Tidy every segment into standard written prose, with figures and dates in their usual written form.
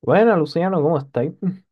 Bueno, Luciano, ¿cómo estáis?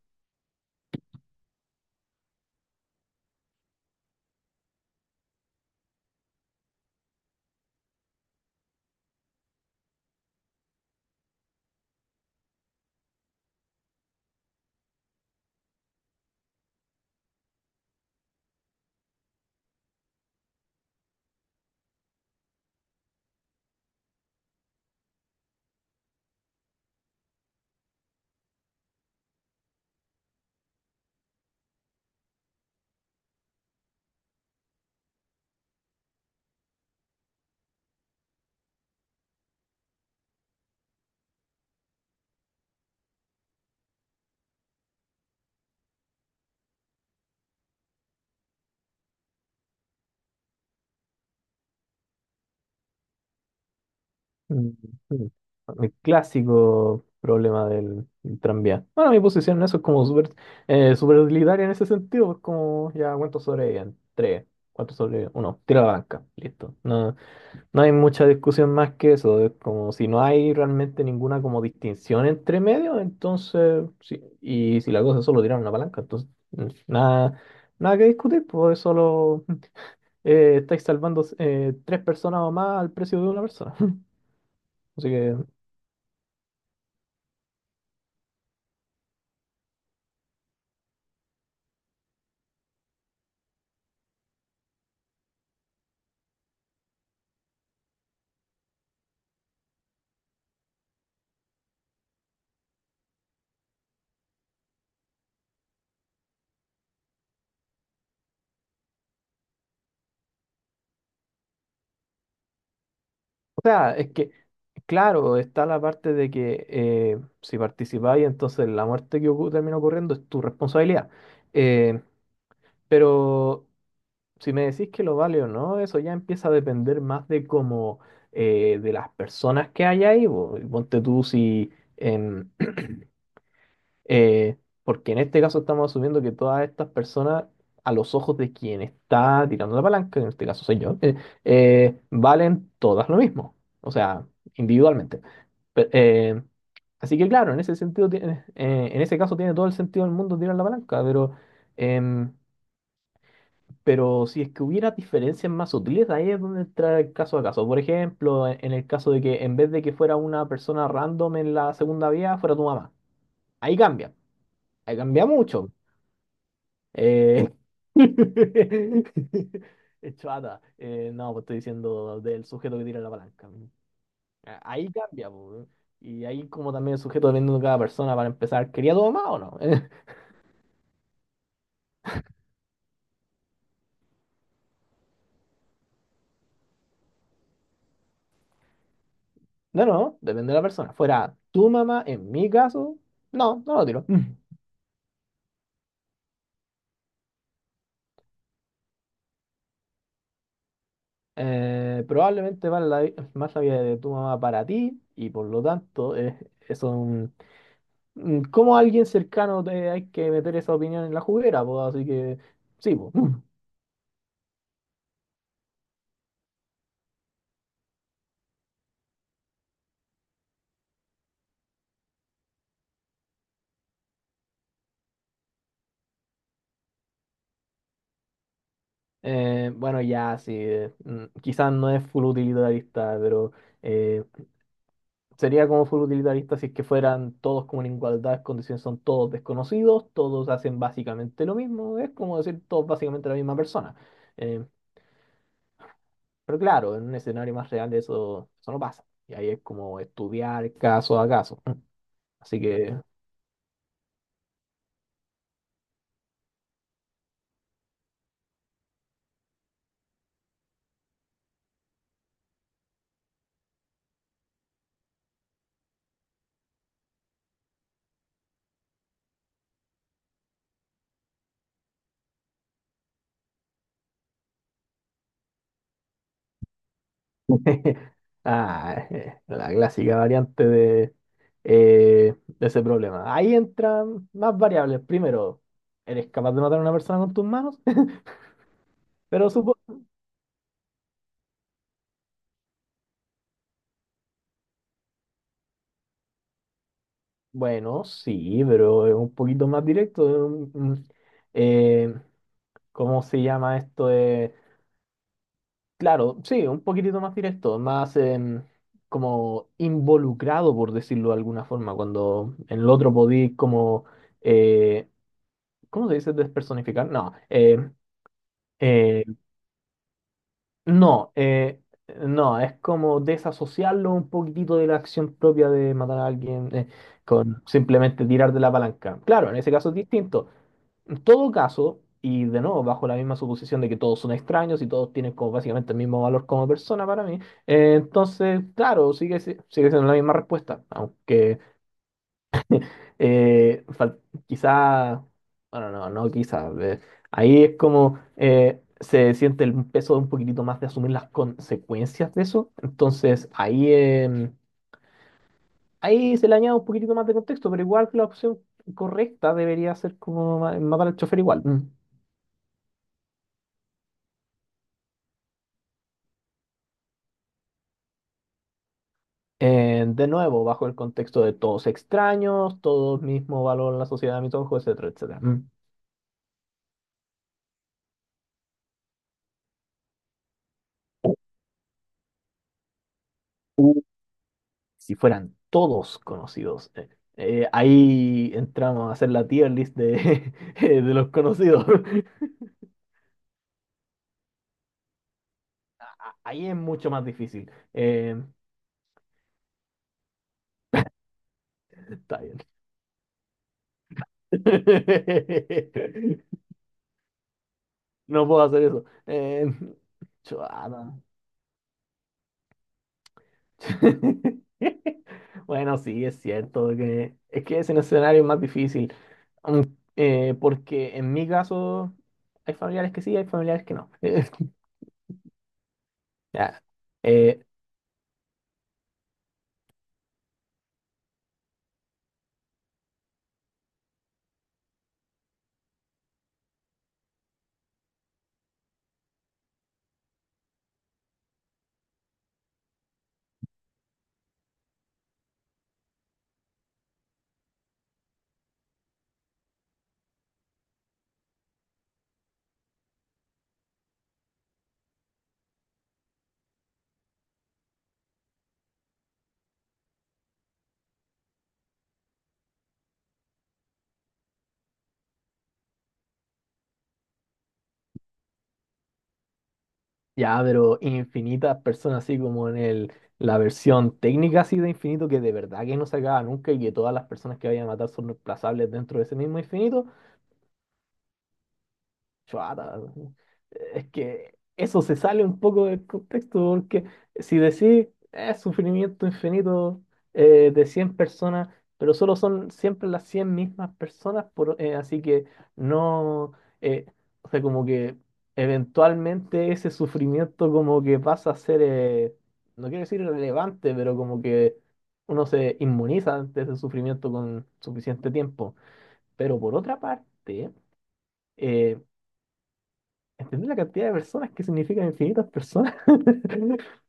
Mm, mm. El clásico problema del tranvía. Bueno, mi posición en eso es como súper súper utilitaria en ese sentido. Es como, ya, ¿cuántos sobreviven? Tres. ¿Cuántos sobreviven? Uno. Tira la banca. Listo. No, no hay mucha discusión más que eso. Es como si no hay realmente ninguna como distinción entre medios, entonces, sí. Y si la cosa es solo tirar una palanca, entonces, mm, nada, nada que discutir, pues es solo. Estáis salvando tres personas o más al precio de una persona. Así que, o sea, es que, claro, está la parte de que si participáis, entonces la muerte que termina ocurriendo es tu responsabilidad. Eh, pero si me decís que lo vale o no, eso ya empieza a depender más de cómo, de las personas que hay ahí. Po. Ponte tú si... Eh, Porque en este caso estamos asumiendo que todas estas personas, a los ojos de quien está tirando la palanca, en este caso soy yo, valen todas lo mismo, o sea, individualmente. Pe- eh, Así que claro, en ese sentido en ese caso tiene todo el sentido del mundo tirar la palanca, pero, em, pero si es que hubiera diferencias más sutiles, ahí es donde entra el caso a caso. Por ejemplo, en el caso de que en vez de que fuera una persona random en la segunda vía, fuera tu mamá. Ahí ahí cambia mucho. Eh, Chuata. No, pues estoy diciendo del sujeto que tira la palanca. Ah, ahí cambia, po, y ahí como también el sujeto depende de cada persona para empezar, ¿quería tu mamá o no? No, depende de la persona. Fuera tu mamá, en mi caso, no lo tiro. Probablemente vale la más la vida de tu mamá para ti y por lo tanto eso es como alguien cercano te hay que meter esa opinión en la juguera, po, así que sí, po. Bueno, ya, sí. Quizás no es full utilitarista, pero eh, sería como full utilitarista si es que fueran todos como en igualdad de condiciones, son todos desconocidos, todos hacen básicamente lo mismo, es como decir todos básicamente la misma persona. Eh, pero claro, en un escenario más real eso no pasa. Y ahí es como estudiar caso a caso. Así que Ah, la clásica variante de ese problema. Ahí entran más variables. Primero, ¿eres capaz de matar a una persona con tus manos? Pero supo... Bueno, sí, pero es un poquito más directo. Es eh, ¿cómo se llama esto? Claro, sí, un poquitito más directo, más como involucrado, por decirlo de alguna forma, cuando en el otro podí como... eh, ¿Cómo se dice despersonificar? No. Eh, no, no, es como desasociarlo un poquitito de la acción propia de matar a alguien con simplemente tirar de la palanca. Claro, en ese caso es distinto. En todo caso, y de nuevo, bajo la misma suposición de que todos son extraños y todos tienen como básicamente el mismo valor como persona para mí, entonces, claro, sigue, si- sigue siendo la misma respuesta, aunque Eh, fal- quizá, bueno, no quizá. Ahí es como se siente el peso de un poquitito más de asumir las consecuencias de eso. Entonces, ahí se le añade un poquitito más de contexto, pero igual que la opción correcta debería ser como matar al chofer igual. Mm. De nuevo, bajo el contexto de todos extraños, todos mismo valor en la sociedad de mis ojos, etcétera, etcétera. Mm. Si fueran todos conocidos. Ahí entramos a hacer la tier list de los conocidos. Ahí es mucho más difícil. Está bien. No puedo hacer eso. Chuada. Bueno, sí, es cierto que es que ese escenario es más difícil. Mm, Porque en mi caso hay familiares que sí, hay familiares que no. Ya. Eh, Ya, pero infinitas personas, así como en la versión técnica así de infinito, que de verdad que no se acaba nunca y que todas las personas que vayan a matar son reemplazables dentro de ese mismo infinito, Chuata, es que eso se sale un poco del contexto, porque si decís es sufrimiento infinito de 100 personas, pero solo son siempre las 100 mismas personas, así que no, eh, o sea, como que eventualmente ese sufrimiento como que pasa a ser, no quiero decir relevante, pero como que uno se inmuniza ante ese sufrimiento con suficiente tiempo. Pero por otra parte, eh, ¿Entendés la cantidad de personas que significa infinitas personas?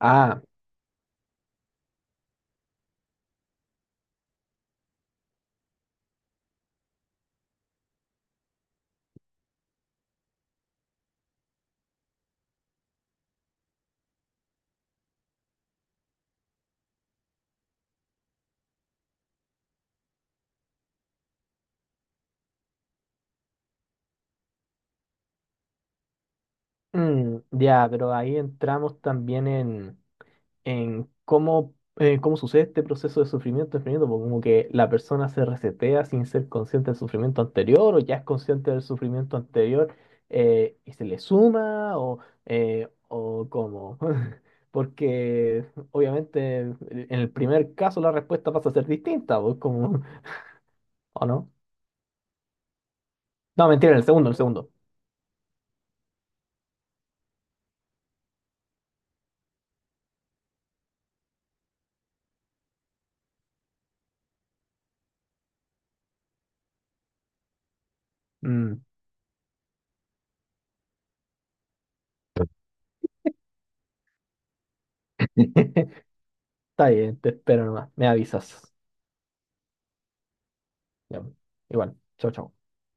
Ah, ya, pero ahí entramos también en cómo, cómo sucede este proceso de sufrimiento infinito, porque como que la persona se resetea sin ser consciente del sufrimiento anterior, o ya es consciente del sufrimiento anterior y se le suma, o cómo. Porque obviamente en el primer caso la respuesta pasa a ser distinta, pues como, ¿o no? No, mentira, en el segundo, en el segundo. Mm, está bien, te espero nomás. Me avisas. Ya, igual, chao, chao.